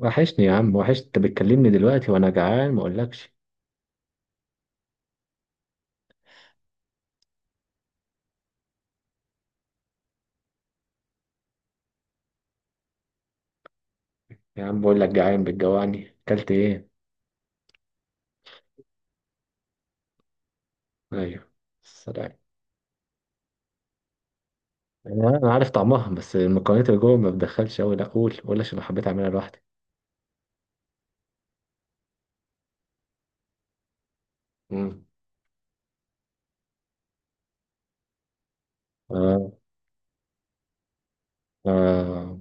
وحشني يا عم، وحشت. انت بتكلمني دلوقتي وانا جعان، ما اقولكش. يا عم بقول لك جعان، بتجوعني اكلت ايه؟ ايوه. سلام. أنا عارف طعمها، بس المكونات اللي جوه ما بتدخلش قوي. لا قول قول عشان حبيت اعملها لوحدي. امم آه. آه.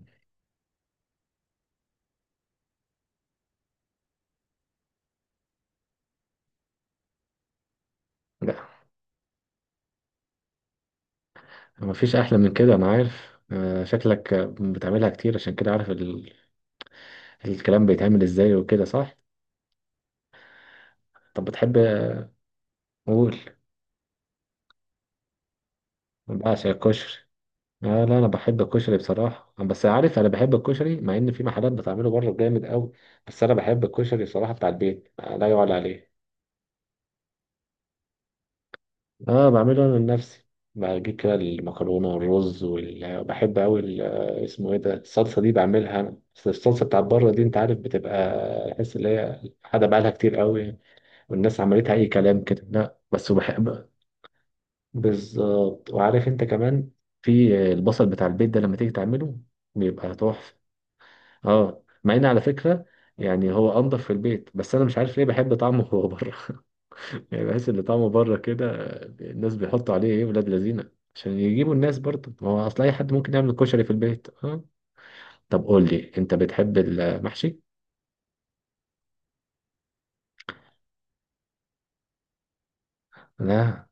لا ما فيش احلى من كده. انا عارف آه. شكلك بتعملها كتير، عشان كده عارف الكلام بيتعمل ازاي وكده، صح؟ طب بتحب؟ قول. بعشق الكشري. آه لا انا بحب الكشري بصراحه، بس عارف، انا بحب الكشري مع ان في محلات بتعمله بره جامد قوي. بس انا بحب الكشري بصراحه بتاع البيت، لا يعلى عليه. اه بعمله انا لنفسي. بجيب كده المكرونه والرز وبحب قوي اسمه ايه ده، الصلصه دي بعملها انا، بس الصلصه بتاعت بره دي انت عارف بتبقى تحس ان هي حاجه بقالها كتير قوي، والناس عملتها اي كلام كده. لا بس بحب. بالظبط. وعارف انت كمان، في البصل بتاع البيت ده لما تيجي تعمله بيبقى تحفه. اه، مع ان على فكره، يعني هو انضف في البيت، بس انا مش عارف ليه بحب طعمه هو بره يعني بحس ان طعمه بره كده. الناس بيحطوا عليه ايه؟ ولاد لذينه عشان يجيبوا الناس برضه، ما هو اصل اي حد ممكن يعمل كشري في البيت. اه. طب قول لي انت، بتحب المحشي؟ لا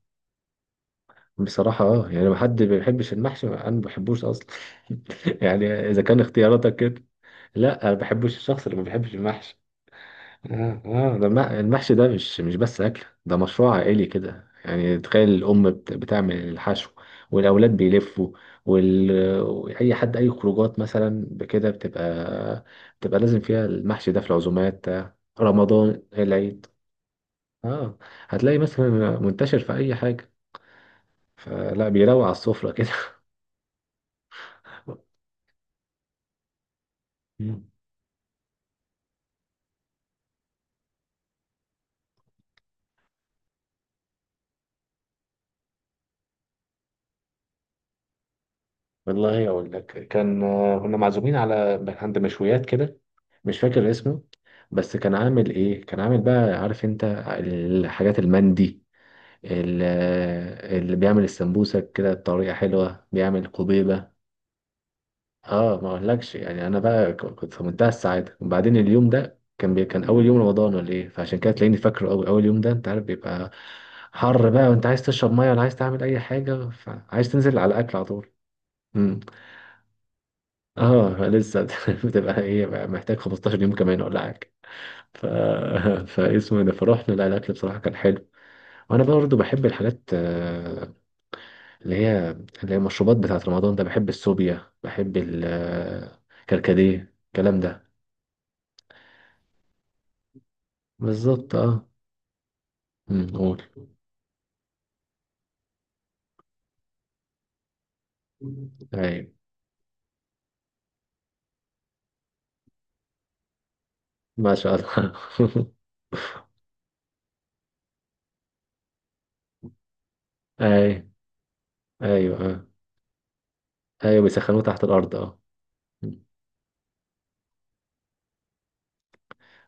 بصراحة اه، يعني ما حد ما بيحبش المحشي، انا ما بحبوش اصلا. يعني اذا كان اختياراتك كده. لا انا ما بحبش الشخص اللي ما بيحبش المحشي. اه اه، ده المحشي ده مش بس اكل، ده مشروع عائلي كده. يعني تخيل، الام بتعمل الحشو، والاولاد بيلفوا، وال... اي حد، اي خروجات مثلا بكده بتبقى، بتبقى لازم فيها المحشي ده، في العزومات بتاع رمضان، العيد. اه، هتلاقي مثلا منتشر في اي حاجه، فلا بيروق على السفره كده. مم. والله اقول لك، كان كنا معزومين على عند مشويات كده، مش فاكر اسمه، بس كان عامل ايه، كان عامل بقى عارف انت، الحاجات المندي، ال- اللي بيعمل السمبوسة كده بطريقة حلوة، بيعمل قبيبة. اه، ما اقولكش يعني، انا بقى كنت في منتهى السعادة، وبعدين اليوم ده كان كان اول يوم رمضان ولا ايه، فعشان كده تلاقيني فاكره قوي اول يوم ده. انت عارف بيبقى حر بقى، وانت عايز تشرب ميه، ولا عايز تعمل اي حاجة، فعايز تنزل على الاكل على طول. امم. اه لسه. بتبقى ايه بقى، محتاج 15 يوم كمان ولا حاجة. ف... فاسمه ده فرحنا. لا الاكل بصراحه كان حلو. وانا برضو بحب الحاجات، اللي هي المشروبات بتاعت رمضان ده. بحب السوبيا، بحب الكركديه، الكلام ده. بالظبط، اه. أمم، قول. ايوه. ما شاء الله. ايوه، ايوه. اه. ايوه بيسخنوه تحت الارض، اه.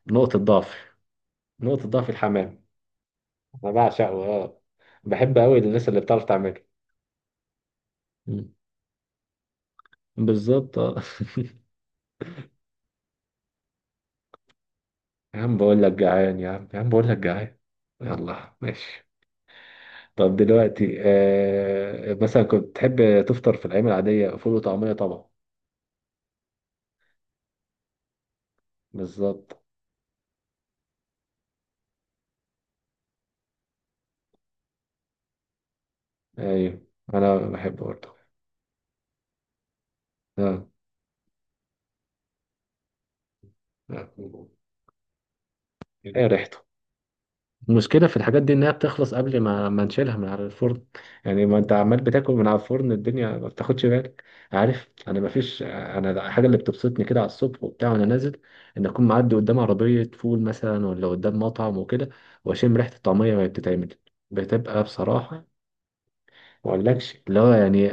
نقطه ضعف، نقطه ضعف الحمام. انا بعشقه، اه. بحب قوي الناس اللي بتعرف تعمله. أمم، بالظبط، اه. يا عم بقول لك جعان، يا عم يا عم بقول لك جعان. يلا ماشي. طب دلوقتي مثلا، كنت تحب تفطر في الأيام العادية؟ فول وطعمية طبعا. بالظبط. أيوه. أنا بحب برضه. آه. آه. إيه ريحته. المشكلة في الحاجات دي إنها بتخلص قبل ما نشيلها من على الفرن. يعني ما أنت عمال بتاكل من على الفرن، الدنيا ما بتاخدش بالك. عارف، أنا ما فيش، أنا الحاجة اللي بتبسطني كده على الصبح وبتاع وأنا نازل، إن أكون معدي قدام عربية فول مثلا، ولا قدام مطعم وكده، وأشم ريحة الطعمية وهي بتتعمل، بتبقى بصراحة، ما أقولكش اللي هو يعني،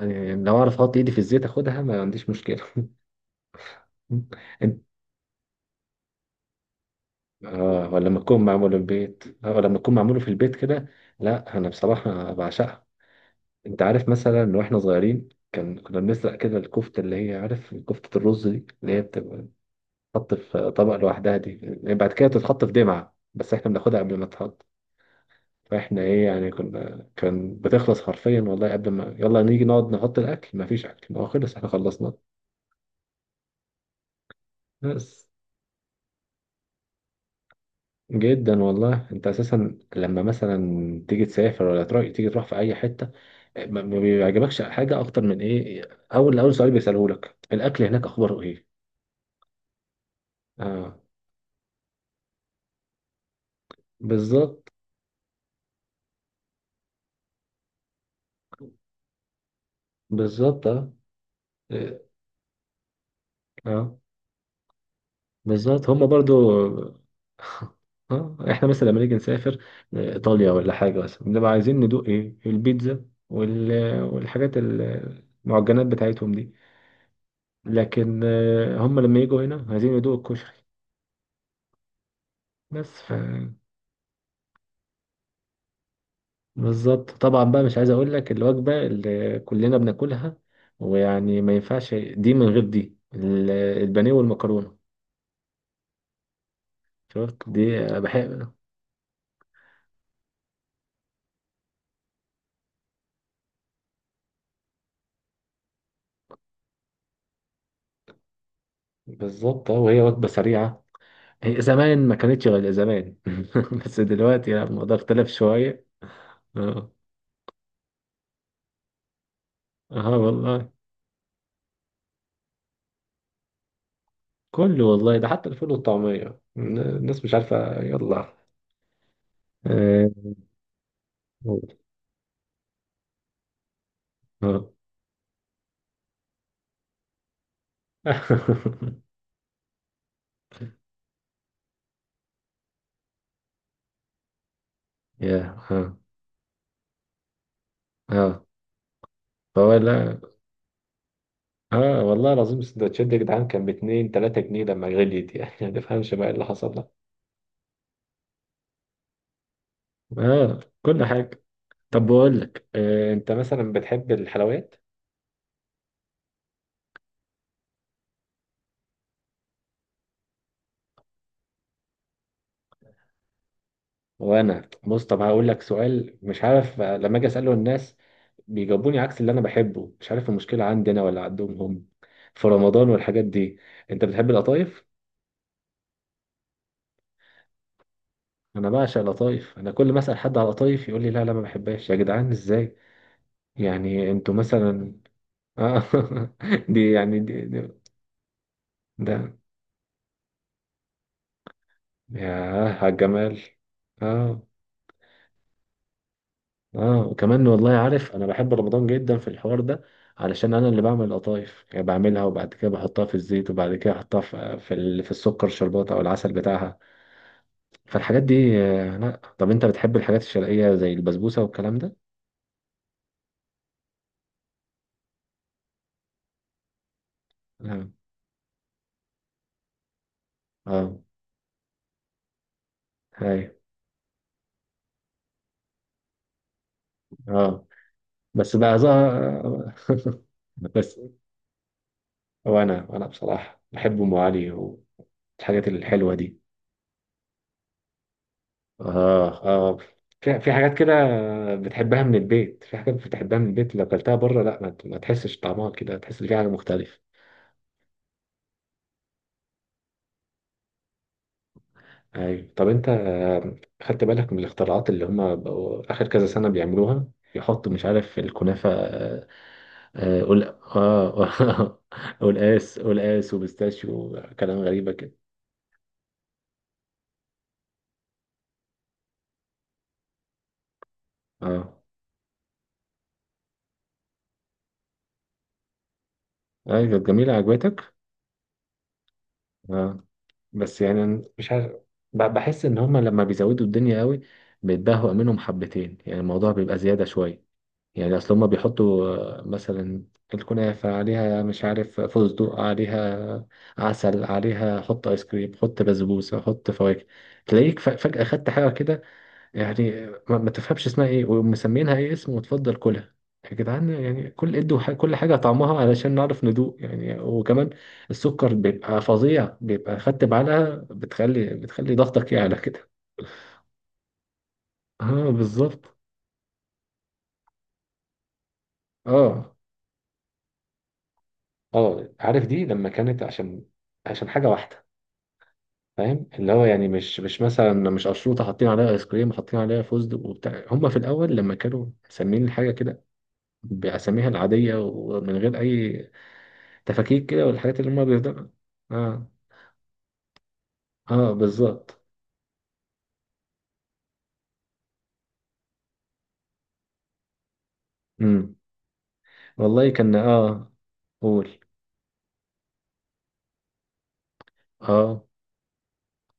يعني لو أعرف أحط إيدي في الزيت أخدها ما عنديش مشكلة. أنت، آه ولا لما تكون معمولة في البيت، ولا لما تكون معمولة في البيت كده. لا أنا بصراحة بعشقها. انت عارف مثلا واحنا صغيرين، كان كنا بنسرق كده الكفته، اللي هي عارف، كفته الرز دي اللي هي بتبقى بتتحط في طبق لوحدها دي، يعني بعد كده تتحط في دمعه، بس احنا بناخدها قبل ما تتحط. فاحنا ايه يعني، كنا كان بتخلص حرفيا والله، قبل ما يلا نيجي نقعد نحط الاكل مفيش اكل، ما هو خلص احنا خلصنا. بس. جدا والله. انت اساسا لما مثلا تيجي تسافر، ولا تروح، تيجي تروح في اي حته، ما بيعجبكش حاجه اكتر من ايه، اول اول سؤال بيسالهولك الاكل هناك اخباره ايه. اه. بالظبط. بالظبط، اه. إيه، اه. بالظبط هم برضو. اه احنا مثلا لما نيجي نسافر ايطاليا ولا حاجه مثلا، بنبقى عايزين ندوق ايه، البيتزا وال... والحاجات المعجنات بتاعتهم دي. لكن هم لما يجوا هنا عايزين يدوقوا الكشري. بس ف، بالظبط طبعا بقى. مش عايز اقول لك الوجبه اللي كلنا بناكلها، ويعني ما ينفعش دي من غير دي، البانيه والمكرونه. شفت؟ دي بحب. بالظبط اه، وهي وجبة سريعة. هي زمان ما كانتش غير زمان، بس دلوقتي لا الموضوع اختلف شوية. اه اه والله. كله والله، ده حتى الفول والطعمية، الناس مش عارفة يلا. اه. اه. يا اه. اه. فولا. اه والله العظيم، السندوتشات دي يا جدعان كان باتنين تلاتة جنيه، لما غليت يعني، ما تفهمش بقى إيه اللي حصل ده. اه، كل حاجة. طب بقول لك انت مثلا بتحب الحلويات؟ وانا بص، طب هقول لك سؤال مش عارف، لما اجي اساله الناس بيجاوبوني عكس اللي انا بحبه، مش عارف المشكله عندي انا ولا عندهم هم، في رمضان والحاجات دي. انت بتحب القطايف؟ انا بعشق القطايف، انا كل ما اسال حد على القطايف يقول لي لا لا ما بحبهاش. يا جدعان ازاي يعني، انتوا مثلا؟ آه دي يعني دي ده، ياه على الجمال. اه اه، وكمان والله، عارف انا بحب رمضان جدا في الحوار ده، علشان انا اللي بعمل القطايف، يعني بعملها وبعد كده بحطها في الزيت، وبعد كده احطها في في السكر شربات او العسل بتاعها. فالحاجات دي، لا طب انت بتحب الحاجات الشرقية زي البسبوسة والكلام ده؟ اه. اه. هاي. اه. بس بقى بس، وانا بصراحة بحب ام علي والحاجات الحلوة دي. اه اه. في في حاجات كده بتحبها من البيت، في حاجات بتحبها من البيت لو اكلتها بره لا ما ما تحسش طعمها كده، تحس ان في حاجه مختلفه. ايوه. طب انت خدت بالك من الاختراعات اللي هم بقوا اخر كذا سنه بيعملوها؟ يحطوا مش عارف الكنافه قول. اه قلقاس، قلقاس وبيستاشيو، كلام غريبه كده. اه. ايوه جميله، عجبتك؟ اه، بس يعني أنا مش عارف، بحس ان هما لما بيزودوا الدنيا قوي بيتبهوا منهم حبتين، يعني الموضوع بيبقى زيادة شوية. يعني اصل هما بيحطوا، مثلا الكنافة عليها مش عارف، فستق عليها، عسل عليها، حط ايس كريم، حط بسبوسة، حط فواكه، تلاقيك فجأة خدت حاجة كده، يعني ما تفهمش اسمها ايه ومسمينها ايه اسم، وتفضل كلها. يا جدعان يعني، كل ادوا كل حاجه طعمها علشان نعرف ندوق يعني، وكمان السكر بيبقى فظيع، بيبقى خدت بعلقه بتخلي ضغطك يعلى كده. اه بالظبط. اه اه، عارف دي لما كانت عشان حاجه واحده، فاهم اللي هو يعني مش مثلا، مش اشروطه حاطين عليها ايس كريم، حاطين عليها فستق وبتاع. هم في الاول لما كانوا مسمين الحاجه كده بأساميها العادية، ومن غير أي تفاكيك كده والحاجات اللي هما بيهدروا. اه. اه بالظبط. امم، والله كان اه. قول. اه،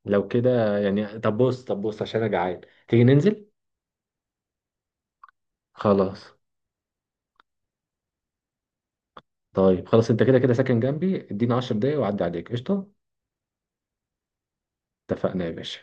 لو كده يعني. طب بص، طب بص عشان انا جعان، تيجي ننزل؟ خلاص. طيب خلاص، انت كده كده ساكن جنبي، اديني 10 دقايق واعدي عليك قشطة. اتفقنا يا باشا.